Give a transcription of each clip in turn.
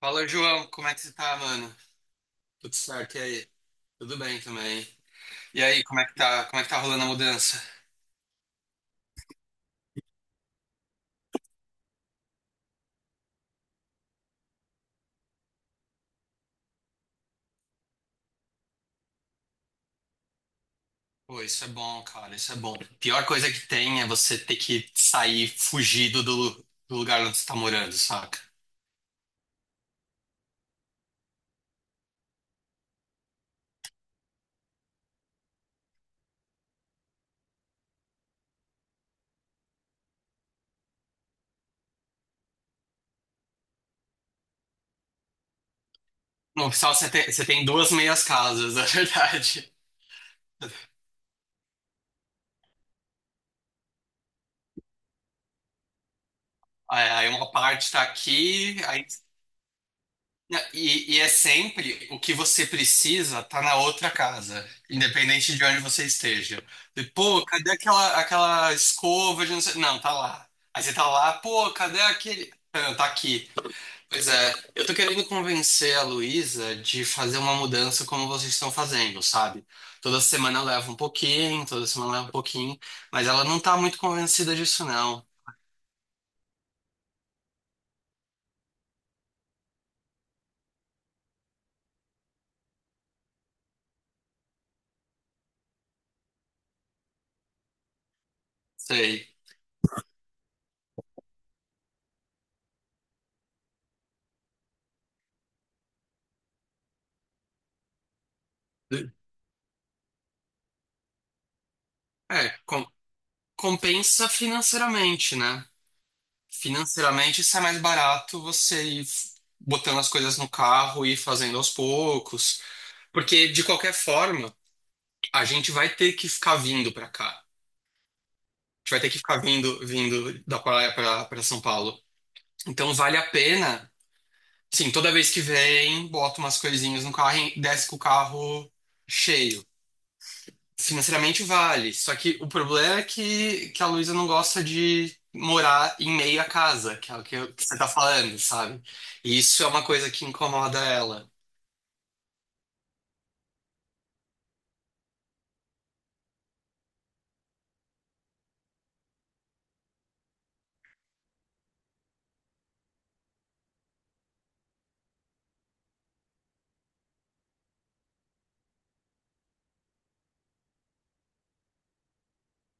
Fala, João, como é que você tá, mano? Tudo certo, e aí? Tudo bem também. E aí, como é que tá, como é que tá rolando a mudança? Pô, isso é bom, cara, isso é bom. Pior coisa que tem é você ter que sair fugido do lugar onde você tá morando, saca? No oficial você tem duas meias casas, na verdade. Aí uma parte tá aqui, aí não. E é sempre o que você precisa tá na outra casa, independente de onde você esteja. E, pô, cadê aquela escova de não sei. Não, tá lá. Aí você tá lá, pô, cadê aquele. Ah, tá aqui. Pois é, eu tô querendo convencer a Luísa de fazer uma mudança como vocês estão fazendo, sabe? Toda semana eu levo um pouquinho, toda semana eu levo um pouquinho, mas ela não tá muito convencida disso, não. Sei. É, compensa financeiramente, né? Financeiramente, sai mais barato você ir botando as coisas no carro e ir fazendo aos poucos. Porque, de qualquer forma, a gente vai ter que ficar vindo pra cá. A gente vai ter que ficar vindo, vindo da praia pra São Paulo. Então, vale a pena. Sim, toda vez que vem, bota umas coisinhas no carro e desce com o carro cheio. Financeiramente vale, só que o problema é que a Luísa não gosta de morar em meio à casa, que é o que, que você tá falando, sabe? E isso é uma coisa que incomoda ela.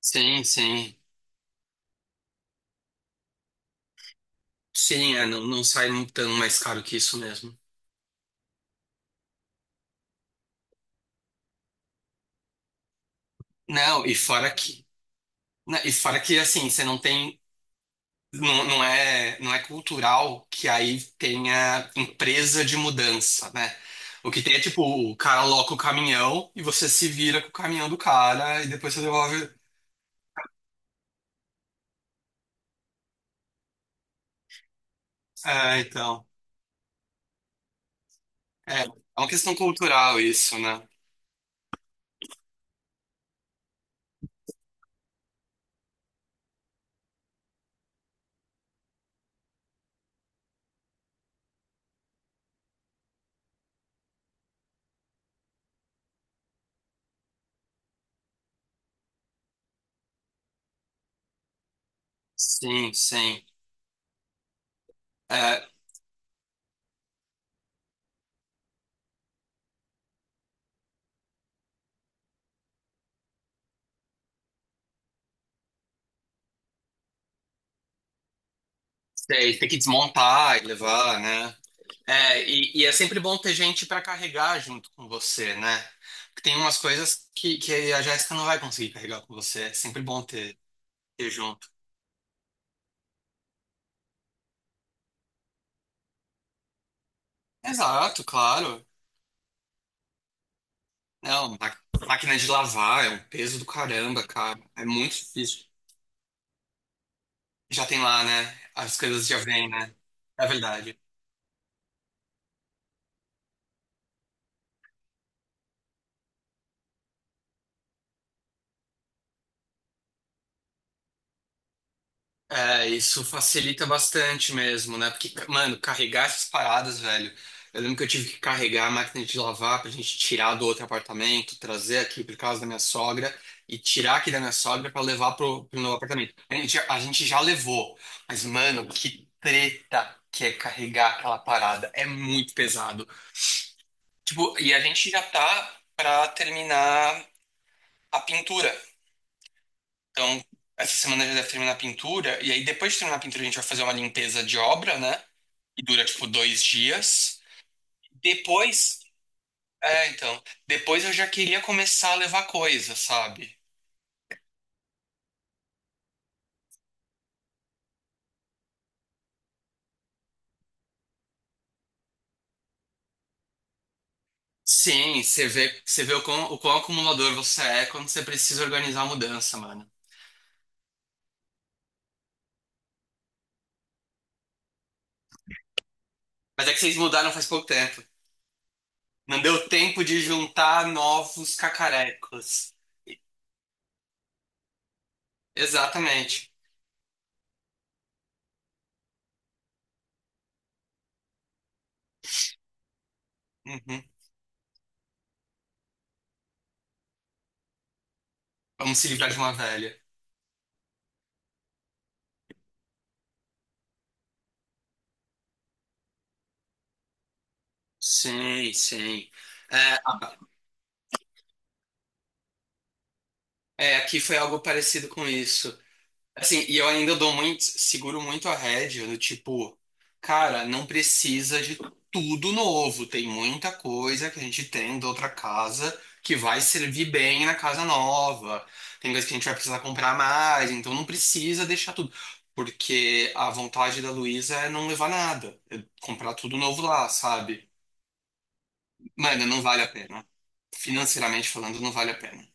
Sim, sim. Sim, é, não, não sai tão mais caro que isso mesmo. Não, e fora que, né, e fora que assim, você não tem, não, não é cultural que aí tenha empresa de mudança, né? O que tem é tipo, o cara aloca o caminhão e você se vira com o caminhão do cara e depois você devolve. É, então. É, é uma questão cultural isso, né? Sim, sim. É, sei, tem que desmontar e levar, né? É, e é sempre bom ter gente para carregar junto com você, né? Porque tem umas coisas que a Jéssica não vai conseguir carregar com você. É sempre bom ter, ter junto. Exato, claro. Não, máquina de lavar é um peso do caramba, cara. É muito difícil. Já tem lá, né? As coisas já vêm, né? É verdade. É, isso facilita bastante mesmo, né? Porque, mano, carregar essas paradas, velho. Eu lembro que eu tive que carregar a máquina de lavar pra gente tirar do outro apartamento, trazer aqui por casa da minha sogra e tirar aqui da minha sogra pra levar pro novo apartamento. A gente já levou, mas, mano, que treta que é carregar aquela parada. É muito pesado. Tipo, e a gente já tá pra terminar a pintura. Então, essa semana já deve terminar a pintura. E aí, depois de terminar a pintura, a gente vai fazer uma limpeza de obra, né? E dura, tipo, dois dias. Depois. É, então. Depois eu já queria começar a levar coisa, sabe? Sim, você vê o quão acumulador você é quando você precisa organizar a mudança, mano. Mas é que vocês mudaram faz pouco tempo. Não deu tempo de juntar novos cacarecos. Exatamente. Uhum. Vamos se livrar de uma velha. Sim, sim. É, é, aqui foi algo parecido com isso. Assim, e eu ainda dou muito, seguro muito a rédea, do tipo, cara, não precisa de tudo novo. Tem muita coisa que a gente tem da outra casa que vai servir bem na casa nova. Tem coisa que a gente vai precisar comprar mais, então não precisa deixar tudo. Porque a vontade da Luísa é não levar nada, é comprar tudo novo lá, sabe? Mano, não vale a pena. Financeiramente falando, não vale a pena.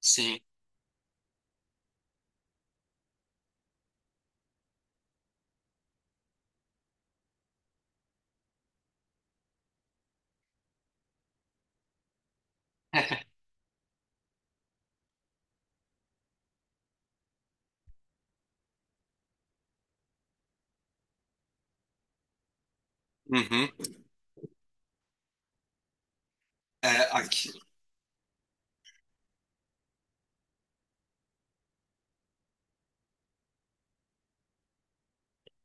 Sim. Uhum. É, aqui.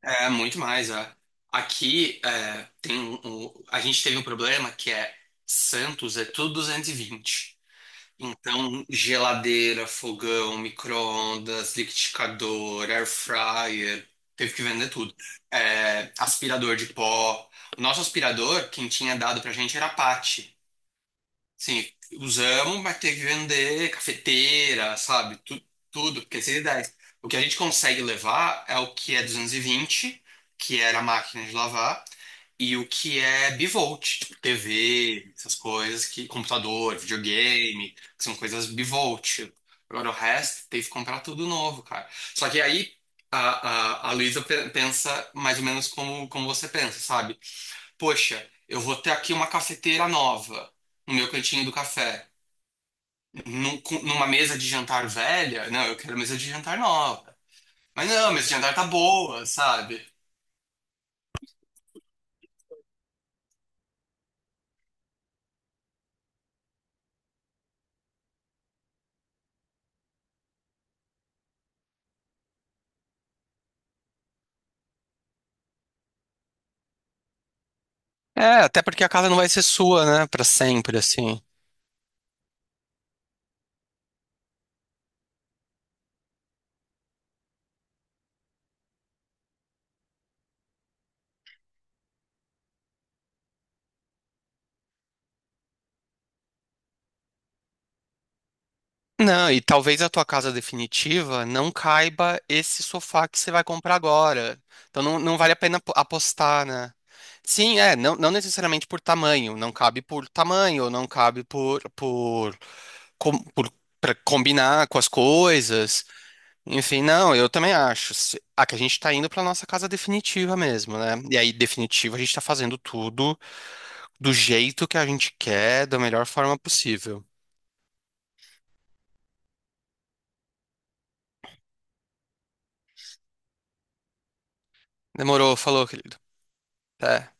É, muito mais, é. Aqui é, tem a gente teve um problema que é Santos é tudo 220. Então, geladeira, fogão, micro-ondas, liquidificador, air fryer, teve que vender tudo. É, aspirador de pó. O nosso aspirador, quem tinha dado pra gente era a Pathy. Sim, usamos, mas teve que vender cafeteira, sabe? Tu, tudo, porque é 110. O que a gente consegue levar é o que é 220 que era a máquina de lavar, e o que é bivolt, tipo TV, essas coisas, que, computador, videogame, que são coisas bivolt. Agora o resto teve que comprar tudo novo, cara. Só que aí a Luísa pensa mais ou menos como você pensa, sabe? Poxa, eu vou ter aqui uma cafeteira nova no meu cantinho do café. Numa mesa de jantar velha? Não, eu quero mesa de jantar nova. Mas não, a mesa de jantar tá boa, sabe? É, até porque a casa não vai ser sua, né, pra sempre, assim. Não, e talvez a tua casa definitiva não caiba esse sofá que você vai comprar agora. Então não, não vale a pena apostar, né? Sim, é, não, não necessariamente por tamanho, não cabe por tamanho, não cabe por com- por, para combinar com as coisas. Enfim, não, eu também acho. Ah, que a gente tá indo pra nossa casa definitiva mesmo, né? E aí, definitiva, a gente tá fazendo tudo do jeito que a gente quer, da melhor forma possível. Demorou, falou, querido. Até.